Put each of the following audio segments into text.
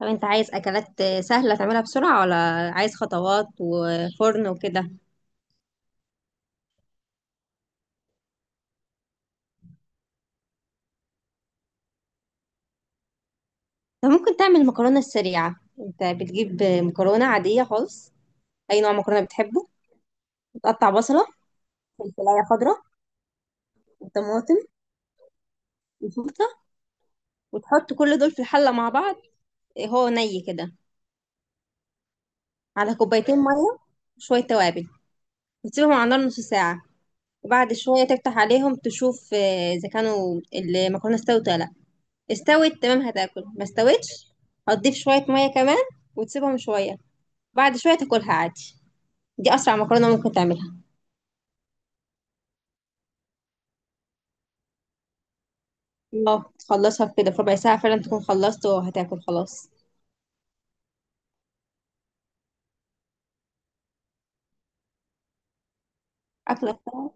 طب انت عايز اكلات سهله تعملها بسرعه ولا عايز خطوات وفرن وكده؟ انت ممكن تعمل مكرونه سريعه. انت بتجيب مكرونه عاديه خالص، اي نوع مكرونه بتحبه، وتقطع بصله، فلفلايه خضراء، وطماطم، وشطه، وتحط كل دول في الحله مع بعض. هو ني كده. على كوبايتين ميه وشويه توابل، وتسيبهم على النار نص ساعه. وبعد شويه تفتح عليهم تشوف اذا كانوا المكرونه استوت ولا لا. استوت تمام هتاكل، ما استوتش هتضيف شوية مية كمان وتسيبهم شوية، بعد شوية تاكلها عادي. دي أسرع مكرونة ممكن تعملها. اه، تخلصها في كده في ربع ساعة فعلا، تكون خلصت وهتاكل خلاص. أكلة بتاعة.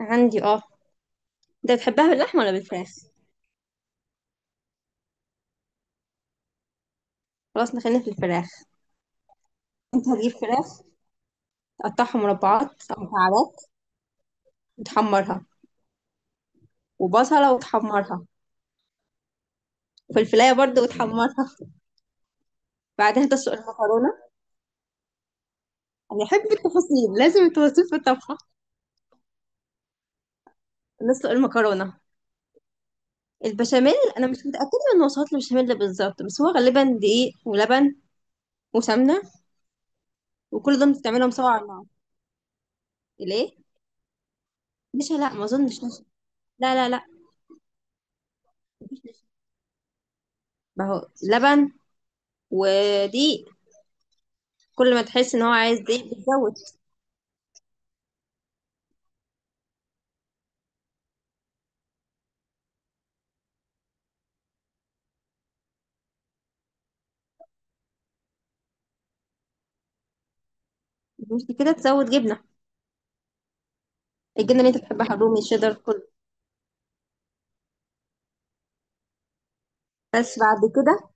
عندي اه. انت بتحبها باللحمة ولا بالفراخ؟ خلاص نخلينا في الفراخ. انت هتجيب فراخ تقطعها مربعات أو مكعبات وتحمرها، وبصلة وتحمرها، وفي الفلاية برضه وتحمرها. بعدين تسلق المكرونة. أنا أحب التفاصيل، لازم التفاصيل في الطبخة. نسلق المكرونة. البشاميل انا مش متاكده من وصفات البشاميل بالظبط، بس هو غالبا دقيق ولبن وسمنه، وكل دول بتعملهم سوا على بعض. ليه؟ نشا لا، ما اظنش نشا. لا لا لا، مفيش نشا. ما هو لبن ودقيق. كل ما تحس ان هو عايز دقيق بتزود. مش كده، تزود جبنه. الجبنه اللي انت بتحبها، الرومي، الشيدر، كله. بس بعد كده.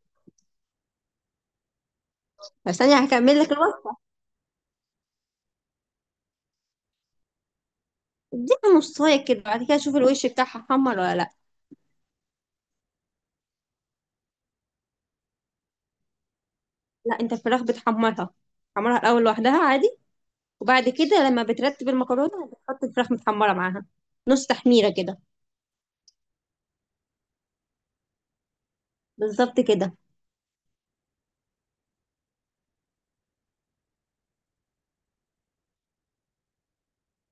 بس ثانيه هكمل لك الوصفه. اديها نصايه كده، بعد كده شوف الوش بتاعها حمر ولا لا. لا، انت الفراخ بتحمرها. حمرها الاول لوحدها عادي، وبعد كده لما بترتب المكرونة بتحط الفراخ متحمرة معاها. نص تحميرة كده. بالظبط كده.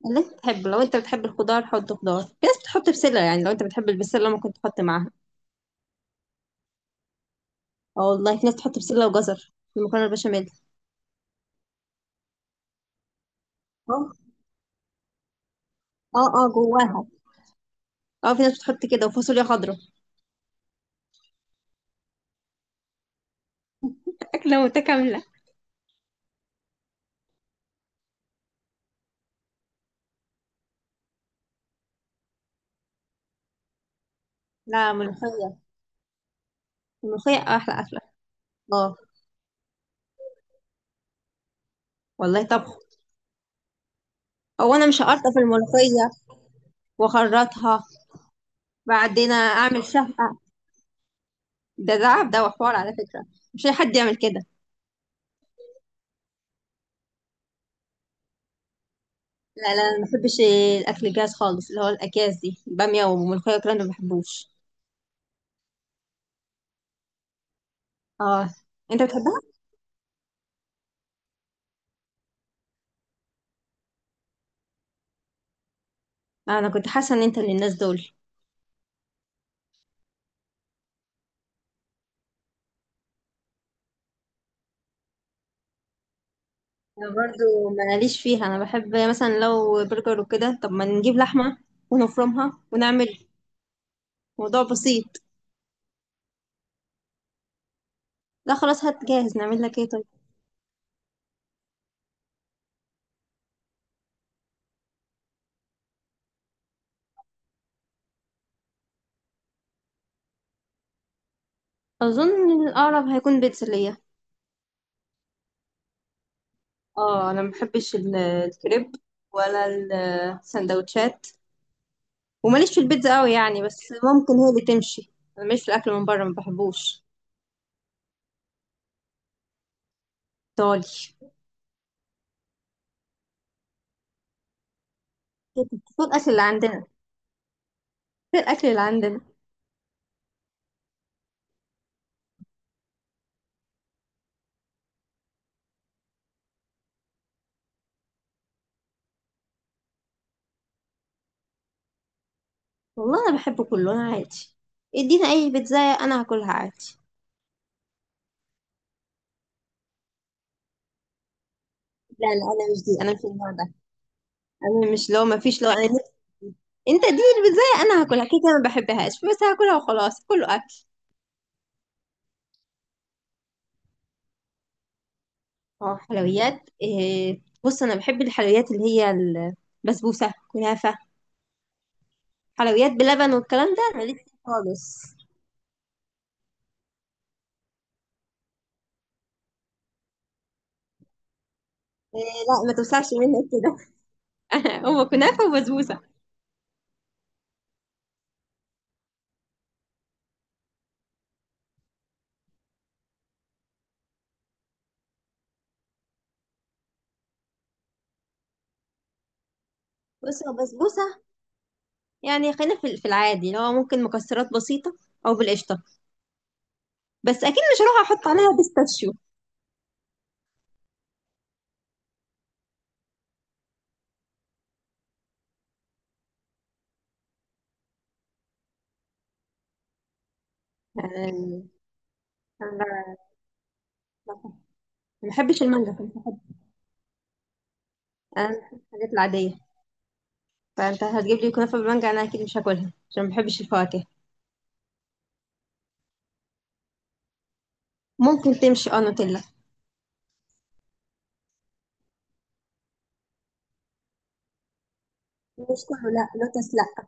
اللي انت تحبه، لو انت بتحب الخضار حط خضار. في ناس بتحط بسلة، يعني لو انت بتحب البسلة ممكن تحط معاها. اه والله، في ناس بتحط بسلة وجزر في المكرونة البشاميل. اه. اه اه، جواها. اه، في ناس بتحط كده وفاصوليا خضراء. أكلة متكاملة. لا، ملوخية. الملوخية أحلى أكلة. اه والله طبخ. هو أنا مش هقرطف الملوخية وأخرطها، بعدين أعمل شهقة. ده تعب ده وحوار على فكرة، مش أي حد يعمل كده. لا لا، انا ما بحبش الاكل الجاهز خالص. اللي هو الاكياس دي، باميه وملوخيه والكلام ده، ما بحبوش. اه، انت بتحبها. انا كنت حاسه ان انت من الناس دول. انا برضو ماليش فيها. انا بحب مثلا لو برجر وكده طب ما نجيب لحمه ونفرمها ونعمل موضوع بسيط. لا خلاص، هات جاهز نعمل لك ايه طيب. اظن الاقرب هيكون بيتزا ليا. اه، انا ما بحبش الكريب ولا السندوتشات. وماليش في البيتزا قوي يعني، بس ممكن هي اللي تمشي. انا ماليش في الاكل من بره، ما بحبوش. ايطالي. فوق الأكل اللي عندنا، غير الأكل اللي عندنا. والله أنا بحبه كله، أنا عادي. ادينا أي بيتزاية أنا هاكلها عادي. لا لا، أنا مش دي، أنا مش النوع ده. أنا مش، لو ما فيش، أنت دي البيتزاية أنا هاكلها كده كده، ما بحبهاش بس هاكلها وخلاص، كله أكل. اه، حلويات إيه؟ بص أنا بحب الحلويات اللي هي البسبوسة، كنافة، حلويات بلبن والكلام ده، أنا لسه خالص. إيه لا، ما توسعش منك كده. هو كنافة وبسبوسة. بص، هو بسبوسة يعني، خلينا في العادي، اللي هو ممكن مكسرات بسيطة أو بالقشطة. بس أكيد مش هروح أحط عليها بيستاشيو. يعني أنا ما بحبش المانجا، فمش بحب. أنا بحب الحاجات العادية. فأنت هتجيب لي كنافة بالمانجا أنا أكيد مش هاكلها، عشان ما بحبش الفواكه. ممكن تمشي، أه نوتيلا. مش كله، لا لوتس لا.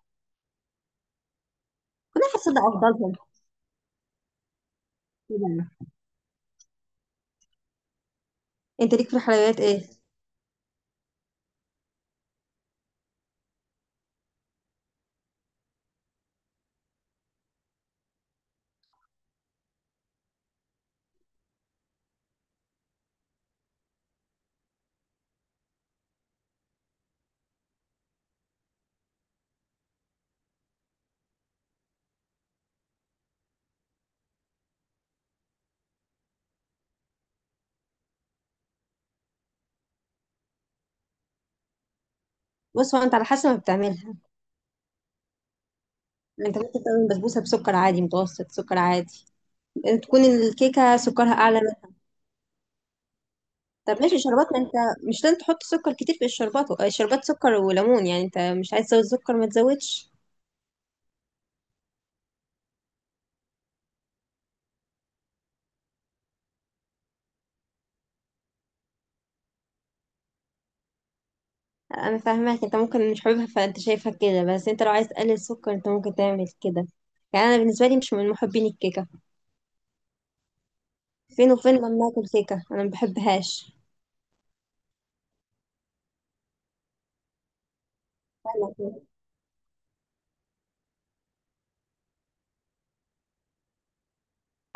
كنافة صدق أفضلهم. طبعاً. أنت ليك في الحلويات إيه؟ بص، هو انت على حسب ما بتعملها. انت ممكن تعمل بسبوسه بسكر عادي متوسط، سكر عادي. تكون الكيكه سكرها اعلى. طب ماشي شربات، ما انت مش لازم تحط سكر كتير في الشربات. الشربات سكر وليمون، يعني انت مش عايز تزود سكر ما تزودش. انا فاهماك. انت ممكن مش حاببها فانت شايفها كده، بس انت لو عايز تقلل السكر انت ممكن تعمل كده. يعني انا بالنسبه لي مش من محبين الكيكه. فين وفين لما اكل كيكه، انا ما بحبهاش. انا كده.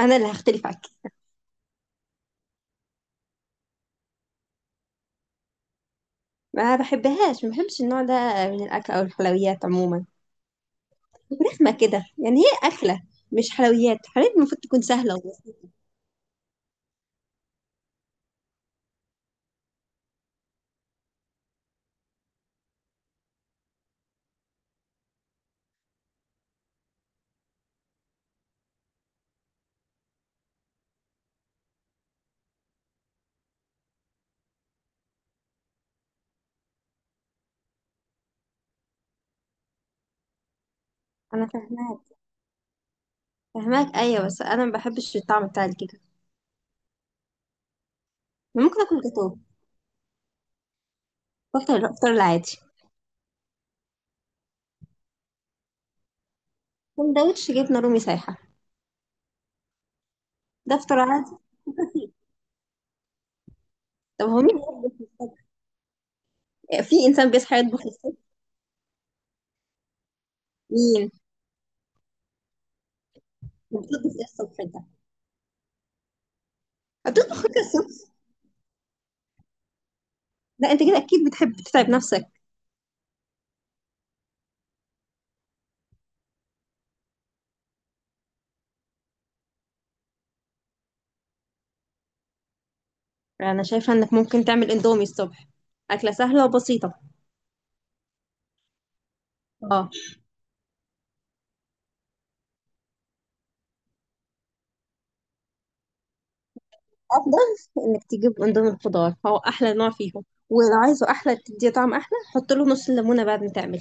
أنا اللي هختلف عنك. ما بحبهاش، ما بحبش النوع ده من الاكل او الحلويات عموما. رخمه كده، يعني هي اكله مش حلويات. الحلويات المفروض تكون سهله وبس. انا فاهماك، فاهماك ايوه، بس انا ما بحبش الطعم بتاع الكيكه. ممكن اكل جاتوه، وافطر افطر العادي. سندوتش جبنه رومي سايحه. ده افطر عادي وخفيف. طب هو مين بيطبخ الصبح؟ في انسان بيصحى يطبخ الصبح؟ مين؟ بتطبخ ايه الصبح ده؟ هتطبخ حاجه الصبح؟ لا انت كده اكيد بتحب تتعب نفسك. انا شايفه انك ممكن تعمل اندومي الصبح. اكله سهله وبسيطه. اه. افضل انك تجيب اندومي الخضار، هو احلى نوع فيهم. ولو عايزه احلى تديه طعم احلى، حط له نص الليمونه بعد ما تعمل.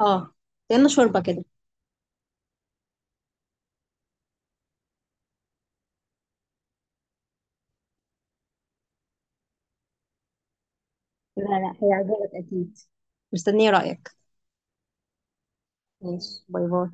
اه، كانه شوربه كده. لا لا، هيعجبك اكيد. مستنيه رايك. ماشي، باي باي.